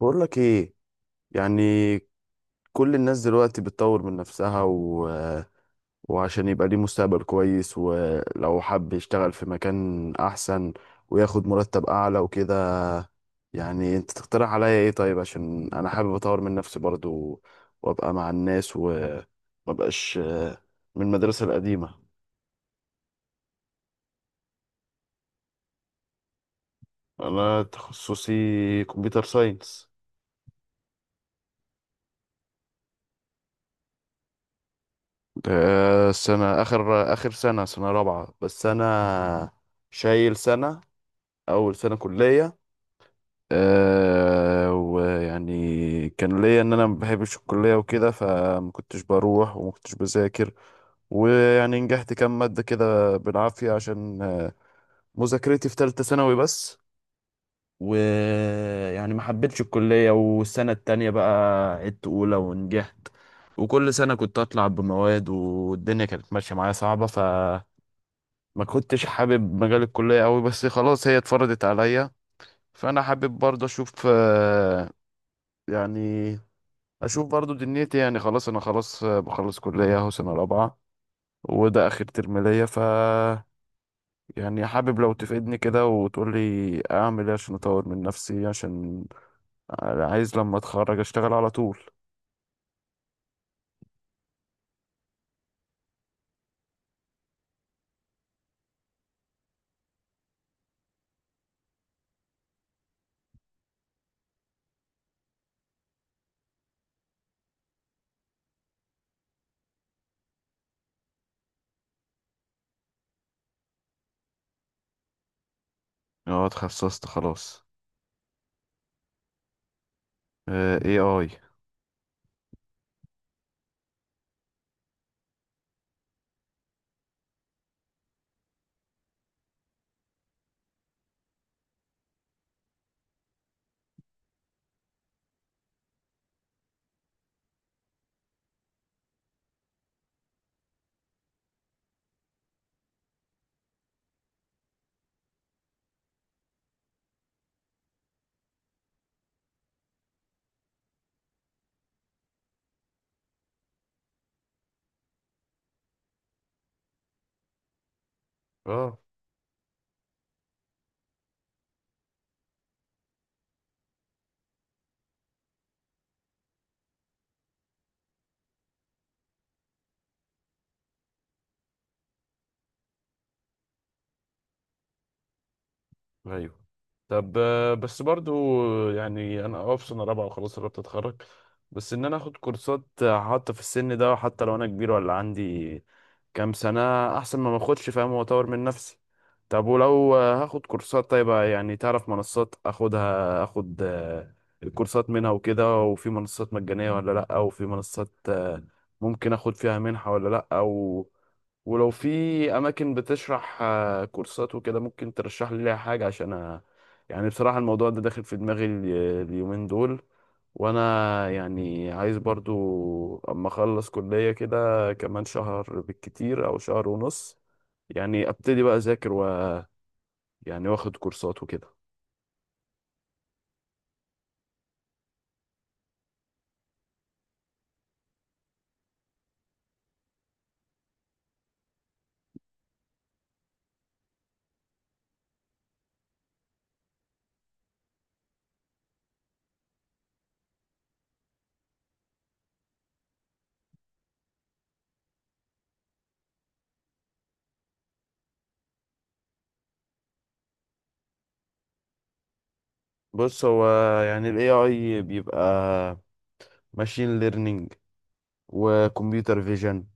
بقول لك ايه، يعني كل الناس دلوقتي بتطور من نفسها و... وعشان يبقى ليه مستقبل كويس، ولو حب يشتغل في مكان احسن وياخد مرتب اعلى وكده. يعني انت تقترح عليا ايه؟ طيب عشان انا حابب اطور من نفسي برضو وابقى مع الناس ومبقاش من المدرسة القديمة. انا تخصصي كمبيوتر ساينس. سنة اخر سنة رابعة، بس انا شايل سنة اول سنه كليه. أه، ويعني كان ليا ان انا ما بحبش الكليه وكده، فما كنتش بروح وما كنتش بذاكر، ويعني نجحت كام ماده كده بالعافيه، عشان مذاكرتي في ثالثه ثانوي بس. ويعني ما حبيتش الكليه، والسنه التانية بقى عدت اولى ونجحت، وكل سنه كنت اطلع بمواد والدنيا كانت ماشيه معايا صعبه. ف ما كنتش حابب مجال الكلية أوي، بس خلاص هي اتفرضت عليا. فانا حابب برضه اشوف يعني اشوف برضه دنيتي، يعني خلاص انا خلاص بخلص كلية اهو سنة رابعة، وده اخر ترم ليا. ف يعني حابب لو تفيدني كده وتقول لي اعمل ايه عشان اطور من نفسي، عشان عايز لما اتخرج اشتغل على طول. اه اتخصصت خلاص. اي اي. اه AI. ايوه. طب بس برضو يعني انا اه في سنه رابعه وخلاص قربت اتخرج، بس ان انا اخد كورسات حتى في السن ده، حتى لو انا كبير ولا عندي كام سنه، احسن ما ماخدش، فاهم، واطور من نفسي. طب ولو هاخد كورسات، طيب يعني تعرف منصات اخدها اخد الكورسات منها وكده، وفي منصات مجانيه ولا لا، وفي منصات ممكن اخد فيها منحة ولا لا، او ولو في اماكن بتشرح كورسات وكده ممكن ترشح لي ليها حاجة عشان يعني بصراحة الموضوع ده داخل في دماغي اليومين دول. وانا يعني عايز برضو اما اخلص كلية كده كمان شهر بالكتير او شهر ونص، يعني ابتدي بقى اذاكر و يعني واخد كورسات وكده. بص هو يعني ال AI بيبقى ماشين ليرنينج وكمبيوتر فيجن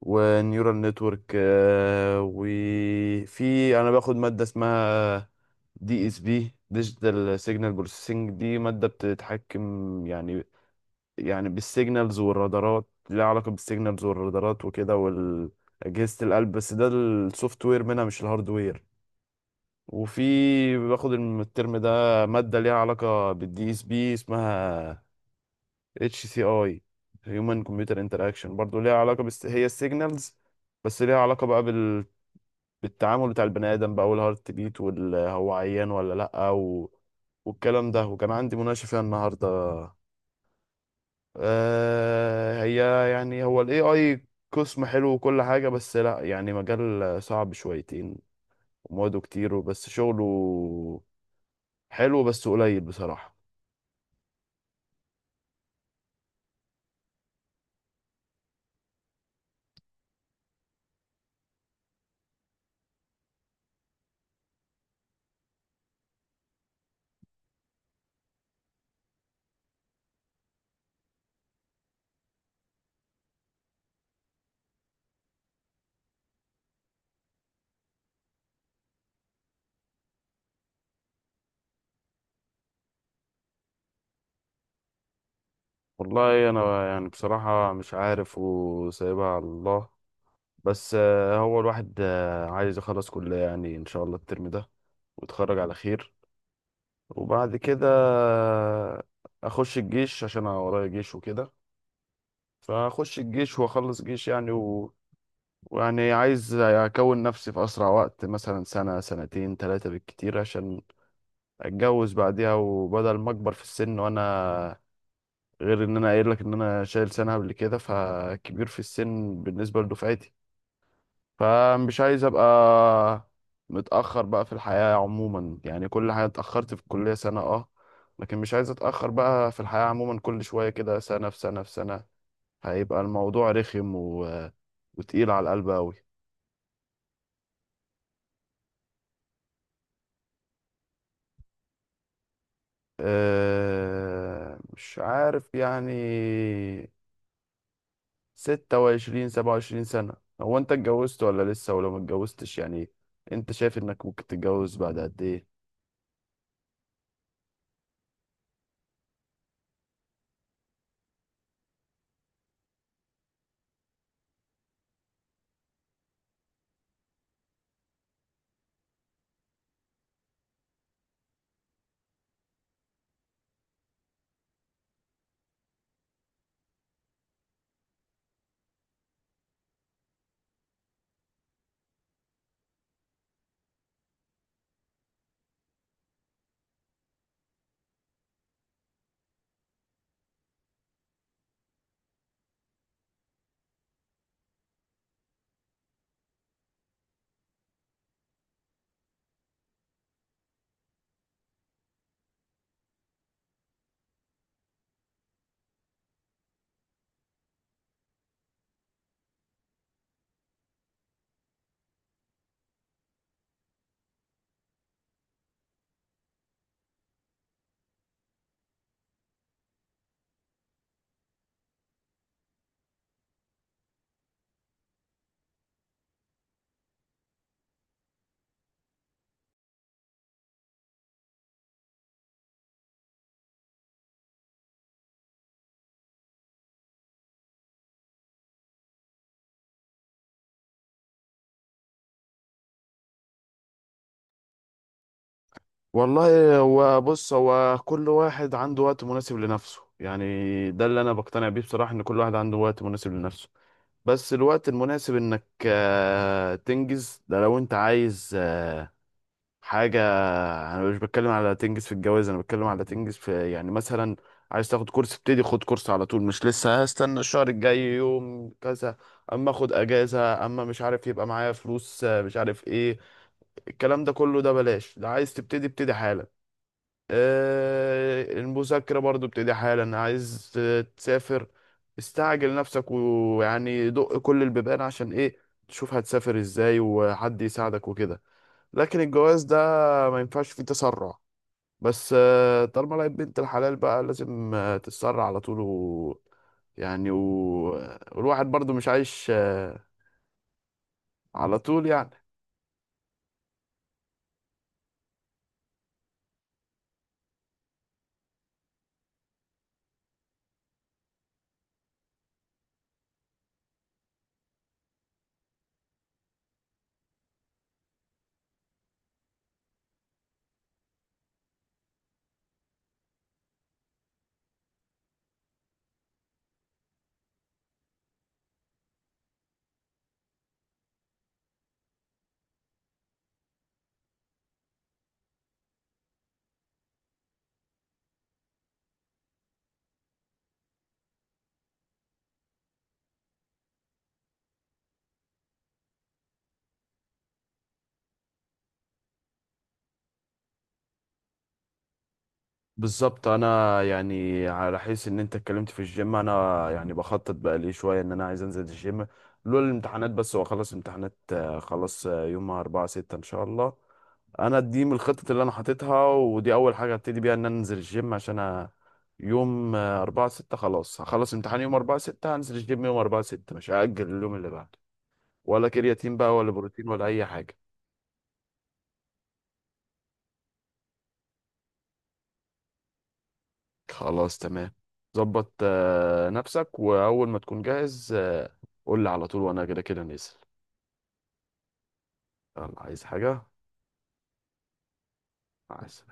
ونيورال نتورك، وفي انا باخد ماده اسمها دي اس بي، ديجيتال سيجنال بروسيسنج. دي ماده بتتحكم يعني بالسيجنالز والرادارات، ليها علاقه بالسيجنالز والرادارات وكده واجهزه القلب، بس ده السوفت وير منها مش الهاردوير. وفي باخد الترم ده ماده ليها علاقه بالدي اس بي، اسمها اتش سي اي، هيومن كمبيوتر انتراكشن، برضه ليها علاقه، بس هي السيجنالز، بس ليها علاقه بقى بالتعامل بتاع البني ادم بقى، والهارت بيت وهو عيان ولا لا و... والكلام ده، وكان عندي مناقشه فيها النهارده. آه، هي يعني هو الاي اي قسم حلو وكل حاجه، بس لا يعني مجال صعب شويتين ومواده كتير، وبس شغله حلو بس قليل بصراحه. والله انا يعني بصراحه مش عارف وسايبها على الله. بس هو الواحد عايز يخلص كلية يعني، إن شاء الله الترم ده ويتخرج على خير، وبعد كده أخش الجيش عشان أنا ورايا جيش وكده، فأخش الجيش وأخلص جيش يعني و... ويعني عايز أكون نفسي في أسرع وقت، مثلا سنة سنتين 3 بالكتير، عشان أتجوز بعديها وبدل ما أكبر في السن وأنا، غير إن أنا قايل لك إن أنا شايل سنة قبل كده، فكبير في السن بالنسبة لدفعتي، فمش عايز ابقى متأخر بقى في الحياة عموما. يعني كل حاجة اتأخرت في الكلية سنة، اه، لكن مش عايز اتأخر بقى في الحياة عموما. كل شوية كده سنة في سنة في سنة هيبقى الموضوع رخم و... وتقيل على القلب أوي. مش عارف يعني، 26، 27 سنة. هو أنت اتجوزت ولا لسه؟ ولو ما اتجوزتش يعني أنت شايف إنك ممكن تتجوز بعد قد إيه؟ والله هو بص، هو كل واحد عنده وقت مناسب لنفسه يعني، ده اللي انا بقتنع بيه بصراحة، ان كل واحد عنده وقت مناسب لنفسه. بس الوقت المناسب انك تنجز ده لو انت عايز حاجة. انا مش بتكلم على تنجز في الجواز، انا بتكلم على تنجز في، يعني مثلا عايز تاخد كورس ابتدي خد كورس على طول، مش لسه هستنى الشهر الجاي يوم كذا، اما اخد اجازة اما مش عارف يبقى معايا فلوس مش عارف ايه، الكلام ده كله ده بلاش. ده عايز تبتدي ابتدي حالا، المذاكرة برضو ابتدي حالا، عايز تسافر، استعجل نفسك ويعني دق كل البيبان، عشان ايه، تشوف هتسافر ازاي وحد يساعدك وكده. لكن الجواز ده ما ينفعش فيه تسرع، بس طالما لقيت بنت الحلال بقى لازم تتسرع على طول و يعني و... والواحد برضو مش عايش على طول يعني. بالظبط، انا يعني على حيث ان انت اتكلمت في الجيم، انا يعني بخطط بقى لي شويه ان انا عايز انزل الجيم، لولا الامتحانات. بس واخلص امتحانات خلاص يوم 4 6 ان شاء الله. انا دي من الخطط اللي انا حاططها، ودي اول حاجه ابتدي بيها، ان انا انزل الجيم عشان يوم 4 6 خلاص هخلص امتحان يوم 4 6 هنزل الجيم يوم 4 6، مش هأجل اليوم اللي بعده، ولا كرياتين بقى ولا بروتين ولا اي حاجه. خلاص تمام. ظبط نفسك واول ما تكون جاهز قول لي على طول، وانا كده كده نازل. يلا، عايز حاجة؟ عايز.